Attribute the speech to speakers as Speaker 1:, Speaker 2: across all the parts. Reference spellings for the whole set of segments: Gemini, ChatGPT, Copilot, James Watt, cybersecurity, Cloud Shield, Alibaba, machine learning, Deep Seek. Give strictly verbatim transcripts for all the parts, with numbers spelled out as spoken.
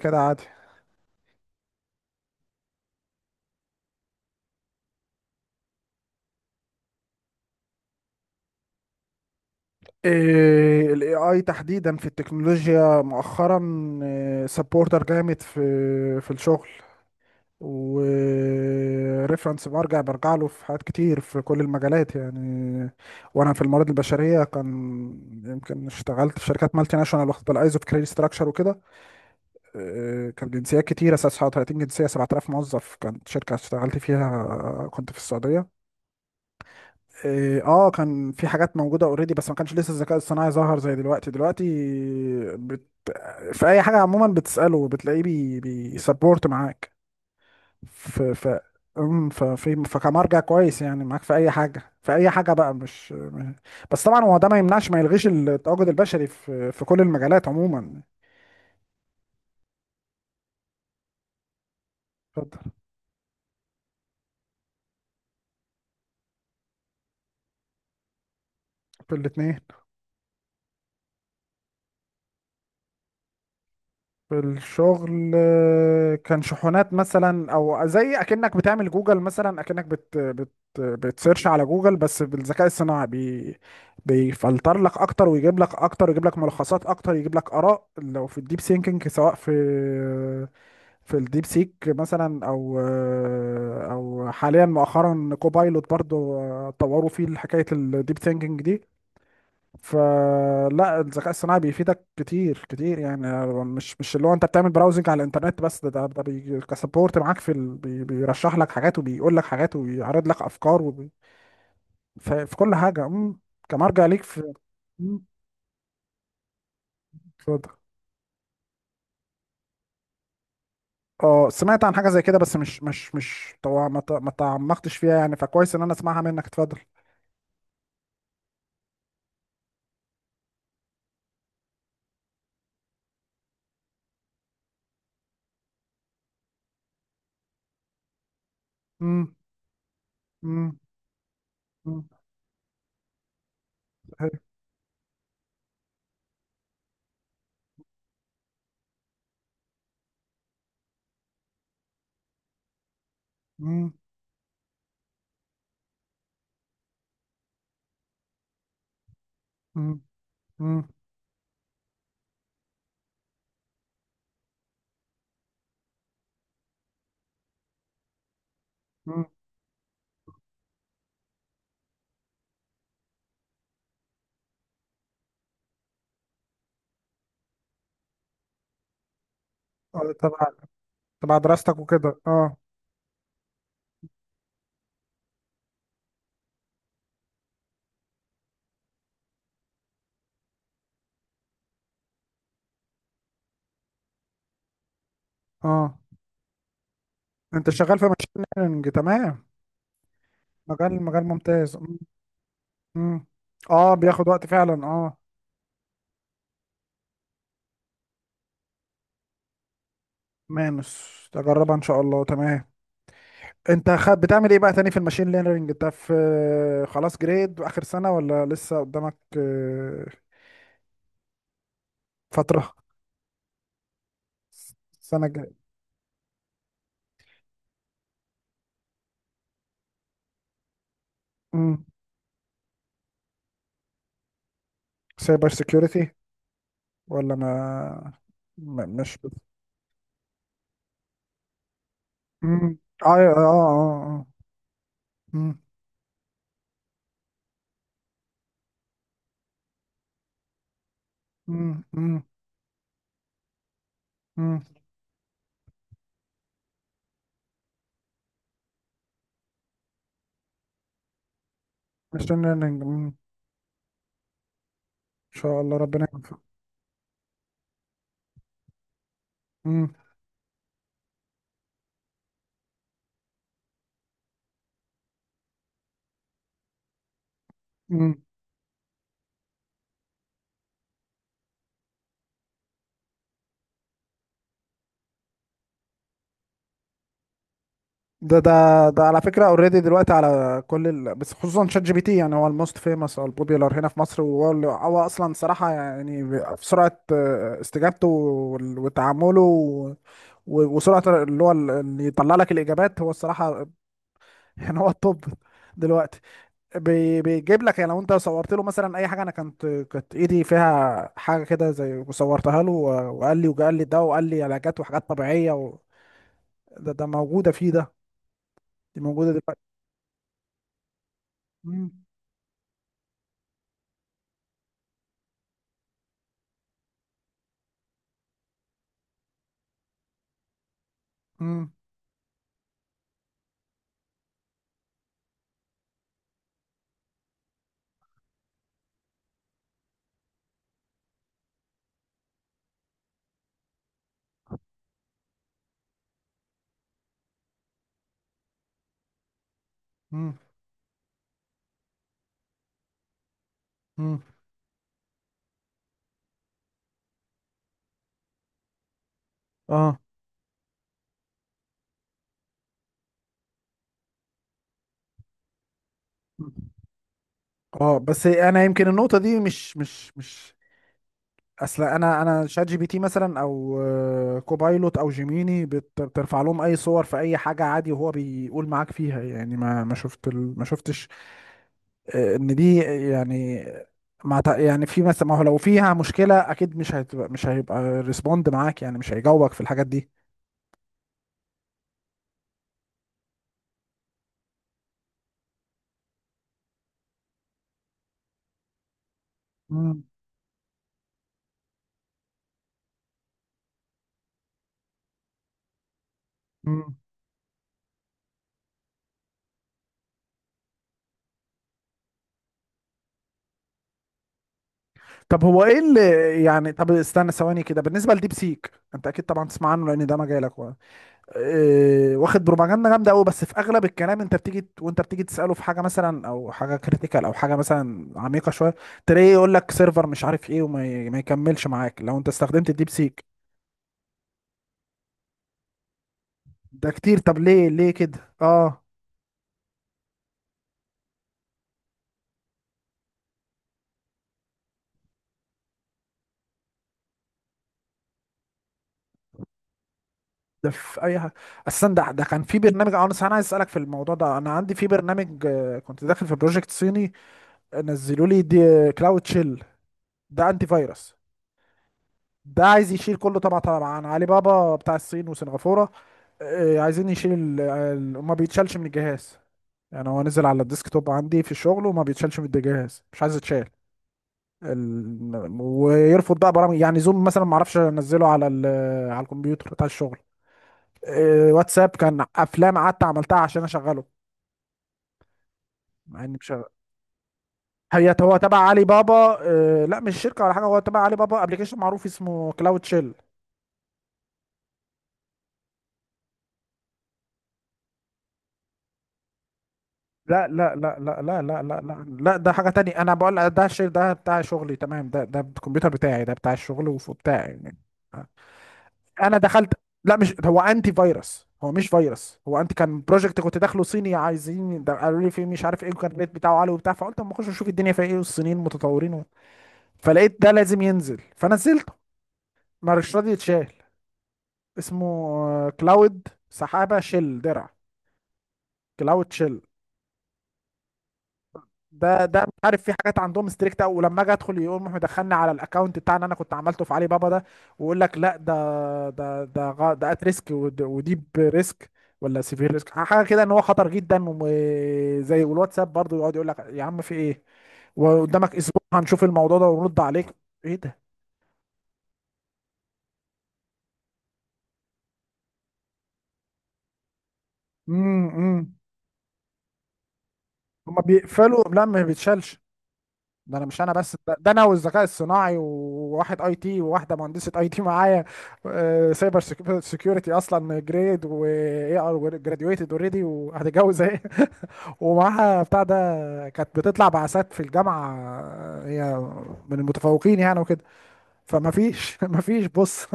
Speaker 1: كده عادي. إيه ال إيه آي تحديدا في التكنولوجيا مؤخرا سبورتر جامد في في الشغل، وريفرنس برجع برجع له في حاجات كتير في كل المجالات يعني. وانا في الموارد البشريه، كان يمكن اشتغلت في شركات مالتي ناشونال، واخد بالايزو في كريدت ستراكشر وكده. إيه، كان جنسيات كتير، اساس ثلاثين جنسيه، سبعة آلاف موظف كانت شركه اشتغلت فيها. آه، كنت في السعوديه. إيه، اه كان في حاجات موجوده اوريدي بس ما كانش لسه الذكاء الصناعي ظهر زي دلوقتي دلوقتي. بت... في اي حاجه عموما بتساله بتلاقيه بي... بيسبورت معاك. ف... ف... أم، ففي فكمرجع كويس يعني معاك في اي حاجه، في اي حاجه بقى، مش بس طبعا. هو ده ما يمنعش ما يلغيش التواجد البشري في في كل المجالات عموما. اتفضل. في الاثنين. في الشغل، آه، كان شحونات مثلا، او زي اكنك بتعمل جوجل مثلا، اكنك بت بت بتسيرش على جوجل، بس بالذكاء الصناعي بي بيفلتر لك اكتر، ويجيب لك اكتر، ويجيب لك ملخصات اكتر، يجيب لك اراء لو في الديب سينكينج، سواء في في الديب سيك مثلا، او آه، او حاليا مؤخرا كوبايلوت برضو، آه، طوروا فيه حكايه الديب سينكينج دي. فلا، الذكاء الصناعي بيفيدك كتير كتير يعني. مش مش اللي هو انت بتعمل براوزنج على الانترنت بس. ده ده, ده بي كسبورت معاك في ال... بي بيرشح لك حاجات، وبيقول لك حاجات، وبيعرض لك افكار، وبي... ف- في كل حاجه. امم كمرجع ليك في. مم، اتفضل. اه، سمعت عن حاجه زي كده، بس مش مش مش طبعا ما ت- ما تعمقتش فيها يعني، فكويس ان انا اسمعها منك. اتفضل. امم امم امم أيوه. امم امم امم أمم. اه تبع، تبع دراستك وكده، اه. اه. انت شغال في ماشين ليرنينج، تمام. مجال مجال ممتاز. م- م. اه بياخد وقت فعلا، اه. مانس، تجربها ان شاء الله، تمام. انت خد بتعمل ايه بقى تاني في الماشين ليرنينج؟ انت في خلاص جريد، اخر سنة، ولا لسه قدامك آه، فترة؟ سنة جاية. سايبر سيكيورتي ولا ما م- مش بت- م. اه، اه، اه، اه. ماشين ليرنينج، ان شاء الله ربنا يكون في- م. ده ده ده على فكرة اوريدي دلوقتي على كل ال... بس خصوصا شات جي بي تي، يعني هو الموست فيمس او البوبيولار هنا في مصر، وهو اللي هو اصلا صراحة يعني ب- في سرعة، آه، استجابته وال- وتعامله، و- و- وسرعة اللي هو ال- اللي يطلع لك الاجابات، هو الصراحة. يعني هو الطب دلوقتي بي- بيجيب لك، يعني لو انت صورت له مثلا اي حاجة. انا كانت كانت ايدي فيها حاجة كده زي، صورتها له، و- وقال لي وقال لي ده، وقال لي علاجات وحاجات طبيعية و... ده ده موجودة فيه، ده دي موجودة دلوقتي. مم. مم. مم. اه. مم. اه بس انا يمكن النقطه دي مش مش مش اصل انا انا شات جي بي تي مثلا، او آه، كوبايلوت، او جيميني، بت- بترفع لهم اي صور في اي حاجه عادي، وهو بيقول معاك فيها يعني. ما ما شفت ال- ما شفتش آه، ان دي يعني ما تع- يعني في مثلا، ما هو لو فيها مشكله اكيد مش هتبقى، مش هيبقى ريسبوند معاك يعني، مش هيجاوبك في الحاجات دي. مم. طب هو ايه اللي يعني، طب استنى ثواني كده، بالنسبه لديب سيك انت اكيد طبعا تسمع عنه لان ده مجالك و... إيه... واخد بروباجندا جامده قوي، بس في اغلب الكلام انت بتيجي ت- وانت بتيجي تساله في حاجه مثلا، او حاجه كريتيكال، او حاجه مثلا عميقه شويه، تلاقيه يقول لك سيرفر مش عارف ايه، وما ي... ما يكملش معاك لو انت استخدمت الديب سيك. ده كتير، طب ليه ليه كده، اه؟ ده في اي حاجه اصلا. ده ده كان في برنامج، اه انا صح- أنا عايز اسالك في الموضوع ده. انا عندي في برنامج، آه، كنت داخل في بروجكت صيني، آه، نزلوا لي دي، كلاود شيل. ده انتي فيروس، ده عايز يشيل كله طبعا طبعا، عن علي بابا بتاع الصين وسنغافورة. آه، عايزين يشيل ال... ال... ما بيتشالش من الجهاز. يعني هو نزل على الديسك توب عندي في الشغل، وما بيتشالش من الجهاز، مش عايز يتشال. ال... ويرفض بقى برامج، يعني زوم مثلا ما اعرفش انزله على ال... على الكمبيوتر بتاع الشغل. آه، واتساب كان افلام قعدت عملتها عشان اشغله، مع اني مش شغال. هي هو تبع علي بابا. آه، لا مش شركة ولا حاجة، هو تبع علي بابا، ابلكيشن معروف اسمه كلاود شيل. لا لا لا لا لا لا لا لا لا، ده حاجة تانية، أنا بقول ده الشير ده بتاع شغلي، تمام. ده ده الكمبيوتر بتاعي ده بتاع الشغل وبتاع يعني. أنا دخلت، لا مش هو أنتي فيروس، هو مش فيروس، هو أنتي. كان بروجكت كنت داخله صيني، عايزين ده، قالوا لي فيه مش عارف إيه، وكان الريت بتاعه عالي وبتاع، فقلت أما أخش أشوف الدنيا فيها إيه والصينيين متطورين و... فلقيت ده لازم ينزل، فنزلته، مش راضي يتشال. اسمه آه، كلاود، سحابة، شيل، درع. كلاود شيل. ده ده مش عارف، في حاجات عندهم ستريكت قوي، ولما اجي ادخل يقوم راح مدخلني على الاكونت بتاع اللي انا كنت عملته في علي بابا ده، ويقول لك لا ده ده ده غ- ده ات ريسك، وديب ريسك، ولا سيفير ريسك، حاجه كده، ان هو خطر جدا وزي. والواتساب برضه يقعد يقول لك يا عم في ايه، وقدامك اسبوع هنشوف الموضوع ده ونرد عليك. ايه ده. امم. امم. هما بيقفلوا، لا ما بيتشالش. ده انا مش انا بس، ده ده انا والذكاء الصناعي، وواحد اي تي، وواحده مهندسه اي تي معايا. آه، سايبر سيكيورتي اصلا، جريد، واي ار جراديويتد اوريدي، وهتتجوز اهي. ومعاها بتاع ده. كانت بتطلع بعثات في الجامعه، آه، هي من المتفوقين يعني وكده. فما فيش ما فيش، بص.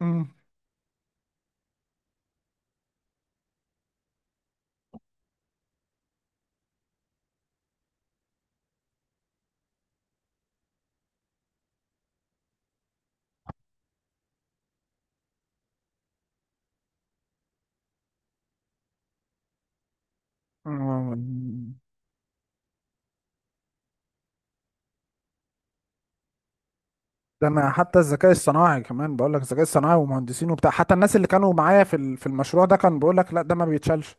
Speaker 1: مم. مم. ده انا حتى الذكاء الصناعي كمان بقول لك، الذكاء الصناعي ومهندسين وبتاع، حتى الناس اللي كانوا معايا في ال- في المشروع ده، كان بيقول لك لا ده ما بيتشالش.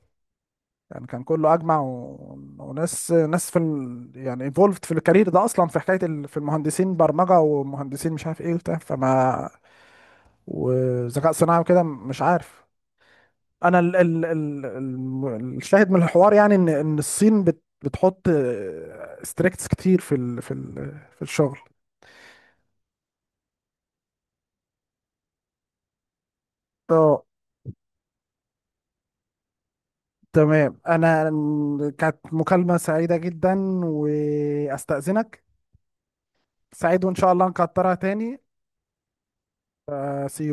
Speaker 1: يعني كان كله اجمع، و... وناس ناس في ال... يعني انفولفد في الكارير ده اصلا، في حكايه ال... في المهندسين برمجه، ومهندسين مش عارف ايه وبتاع فما، وذكاء صناعي وكده، مش عارف. انا ال... ال... ال... ال- الشاهد من الحوار يعني، ان ان الصين بت... بتحط ستريكتس كتير في ال... في ال... في الشغل. اه، تمام. انا كانت مكالمه سعيده جدا، واستاذنك. سعيد، وان شاء الله نكترها تاني. سي.